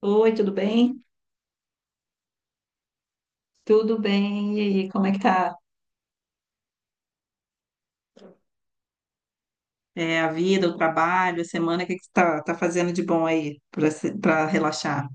Oi, tudo bem? Tudo bem? E aí, como é que tá? É, a vida, o trabalho, a semana, o que que você tá fazendo de bom aí para relaxar?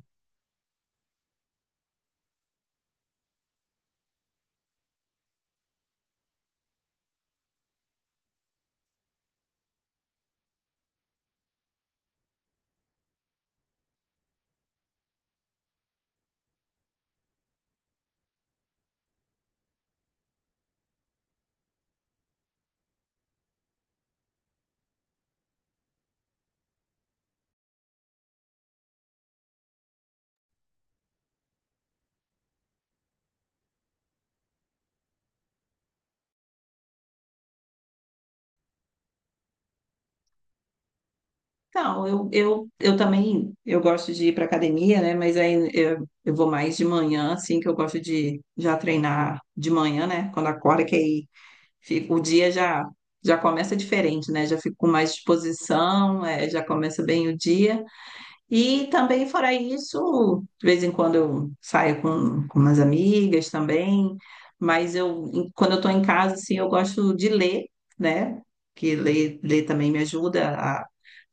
Então, eu também eu gosto de ir para academia, né? Mas aí eu vou mais de manhã, assim, que eu gosto de já treinar de manhã, né? Quando acorda, que aí fica, o dia já começa diferente, né? Já fico com mais disposição, já começa bem o dia. E também, fora isso, de vez em quando eu saio com umas amigas também, mas quando eu estou em casa, assim, eu gosto de ler, né? Que ler também me ajuda a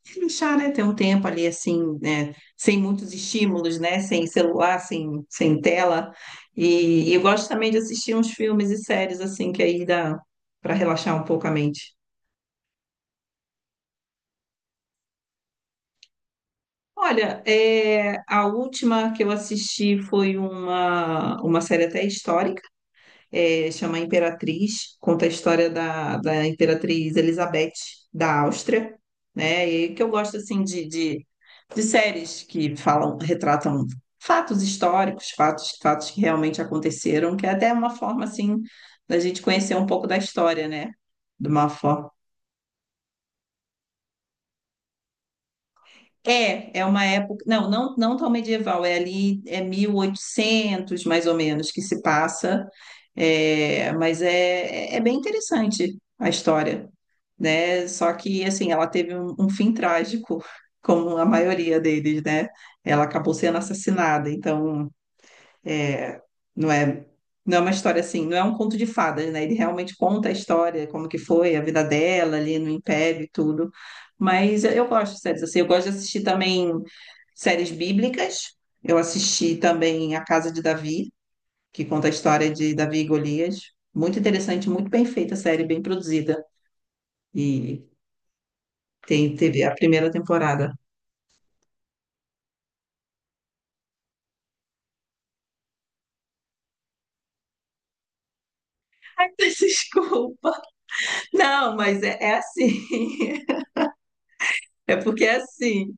relaxar, né? Ter um tempo ali, assim, né? Sem muitos estímulos, né? Sem celular, sem tela. E eu gosto também de assistir uns filmes e séries, assim, que aí dá para relaxar um pouco a mente. Olha, a última que eu assisti foi uma série até histórica, chama Imperatriz, conta a história da Imperatriz Elizabeth da Áustria, né? E que eu gosto assim de séries que falam, retratam fatos históricos, fatos que realmente aconteceram, que é até uma forma assim da gente conhecer um pouco da história, né? De uma forma É, uma época, não, não, não tão medieval, é ali, é 1800 mais ou menos que se passa, mas é bem interessante a história, né? Só que, assim, ela teve um fim trágico, como a maioria deles, né? Ela acabou sendo assassinada, então não é, não é uma história assim, não é um conto de fadas, né? Ele realmente conta a história, como que foi a vida dela ali no Império e tudo. Mas eu gosto de séries assim, eu gosto de assistir também séries bíblicas. Eu assisti também A Casa de Davi, que conta a história de Davi e Golias. Muito interessante, muito bem feita a série, bem produzida. E tem, teve a primeira temporada. Desculpa. Não, mas é assim. É porque é assim.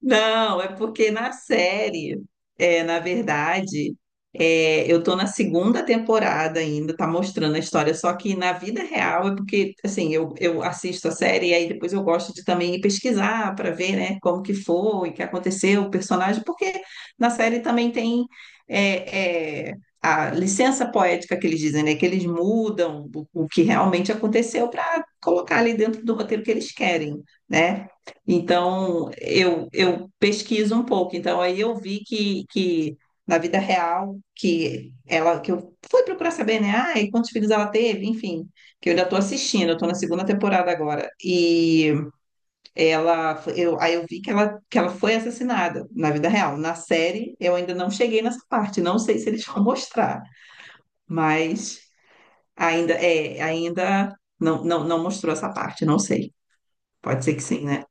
Não, é porque na série, na verdade, eu tô na segunda temporada ainda, tá mostrando a história, só que na vida real é porque, assim, eu assisto a série e aí depois eu gosto de também pesquisar para ver, né, como que foi, o que aconteceu, o personagem, porque na série também tem é, é, a licença poética que eles dizem, né, que eles mudam o que realmente aconteceu para colocar ali dentro do roteiro que eles querem, né? Então, eu pesquiso um pouco. Então, aí eu vi que na vida real, que ela, que eu fui procurar saber, né? Ah, e quantos filhos ela teve? Enfim, que eu ainda estou assistindo, eu estou na segunda temporada agora. E aí eu vi que ela, foi assassinada na vida real. Na série, eu ainda não cheguei nessa parte. Não sei se eles vão mostrar, mas ainda não mostrou essa parte, não sei. Pode ser que sim, né?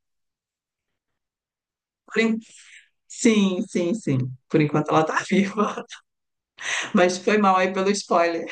Sim, sim, sim. Por enquanto ela tá viva. Mas foi mal aí pelo spoiler.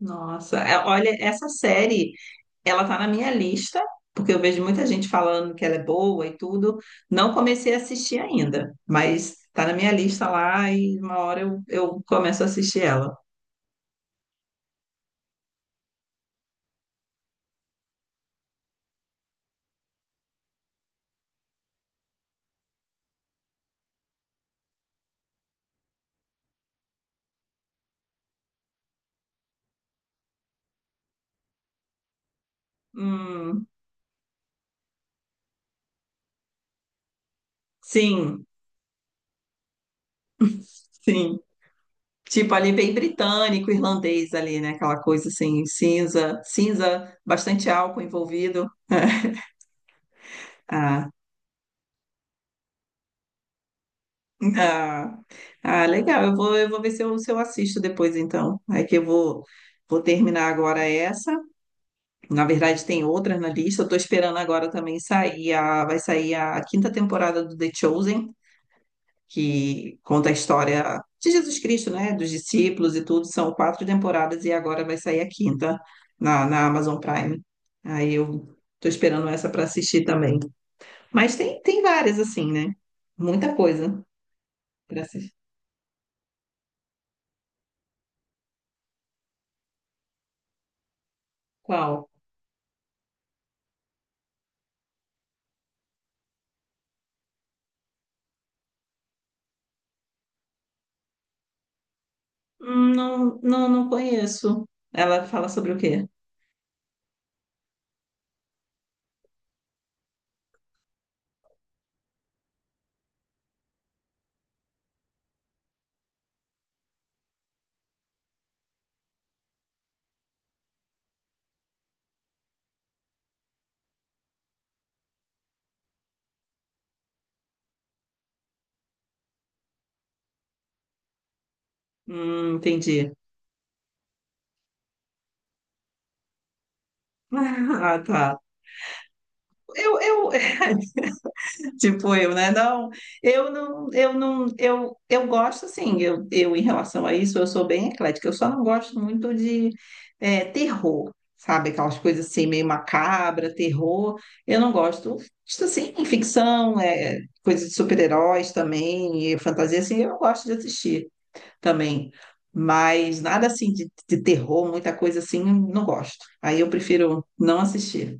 Nossa, olha, essa série, ela tá na minha lista, porque eu vejo muita gente falando que ela é boa e tudo. Não comecei a assistir ainda, mas tá na minha lista lá e uma hora eu começo a assistir ela. Hum, sim, sim. Tipo, ali bem britânico, irlandês ali, né? Aquela coisa assim, cinza, cinza, bastante álcool envolvido. Ah, Ah, ah, legal. Eu vou ver se se eu assisto depois, então. É que vou terminar agora essa. Na verdade, tem outras na lista. Eu tô esperando agora também vai sair a quinta temporada do The Chosen, que conta a história de Jesus Cristo, né? Dos discípulos e tudo. São quatro temporadas e agora vai sair a quinta na Amazon Prime. Aí eu tô esperando essa para assistir também. Mas tem várias, assim, né? Muita coisa para assistir. Qual? Não, não, não conheço. Ela fala sobre o quê? Entendi. Ah, tá. Eu, eu, tipo eu, né? Não, eu não, eu gosto, assim, eu em relação a isso, eu sou bem eclética. Eu só não gosto muito de terror, sabe? Aquelas coisas assim, meio macabra, terror. Eu não gosto, isso, assim, ficção, coisa de super-heróis também, e fantasia, assim, eu gosto de assistir também. Mas nada assim de terror, muita coisa assim, não gosto. Aí eu prefiro não assistir.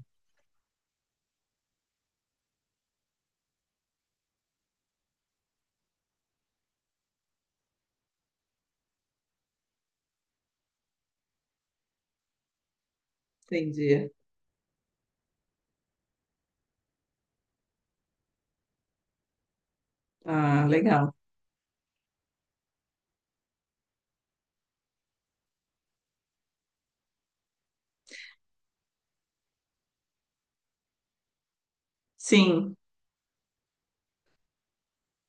Entendi. Ah, legal. Sim,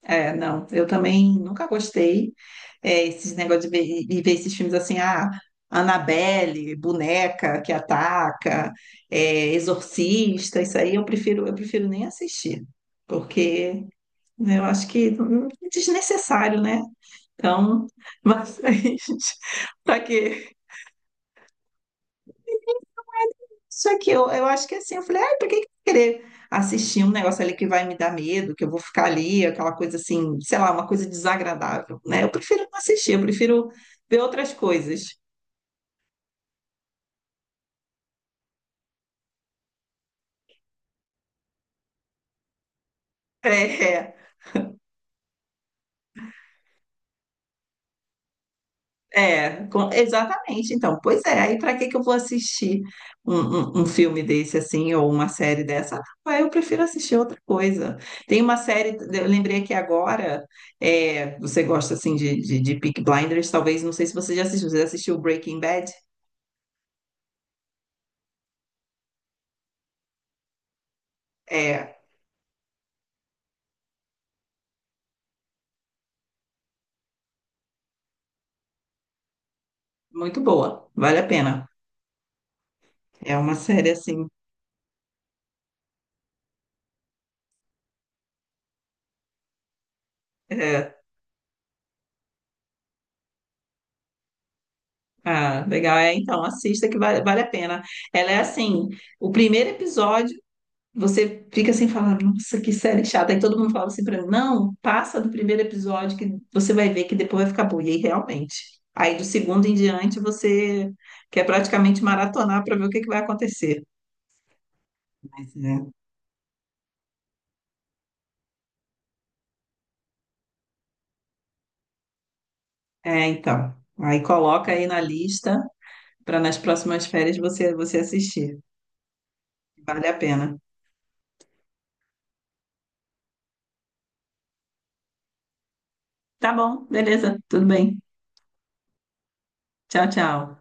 é, não. Eu também nunca gostei. É, esses negócios de ver, e ver esses filmes assim, ah, Annabelle, boneca que ataca, exorcista, isso aí eu prefiro, nem assistir, porque né, eu acho que é desnecessário, né? Então, mas para que isso aqui, eu acho que é assim, eu falei, ai, pra que que eu vou querer assistir um negócio ali que vai me dar medo, que eu vou ficar ali, aquela coisa assim, sei lá, uma coisa desagradável, né? Eu prefiro não assistir, eu prefiro ver outras coisas. É, é, exatamente. Então, pois é, aí pra que que eu vou assistir um filme desse assim, ou uma série dessa? Ah, eu prefiro assistir outra coisa. Tem uma série, eu lembrei aqui agora, você gosta assim de Peaky Blinders, talvez, não sei se você já assistiu, você já assistiu Breaking Bad? É, muito boa, vale a pena. É uma série assim. É, ah, legal, é então, assista que vale a pena. Ela é assim, o primeiro episódio, você fica assim falando, nossa, que série chata. Aí todo mundo fala assim pra mim, não, passa do primeiro episódio que você vai ver que depois vai ficar boa. E aí, realmente. Aí do segundo em diante você quer praticamente maratonar para ver o que que vai acontecer. Mas, então. Aí coloca aí na lista para nas próximas férias você assistir. Vale a pena. Tá bom, beleza, tudo bem. Tchau, tchau.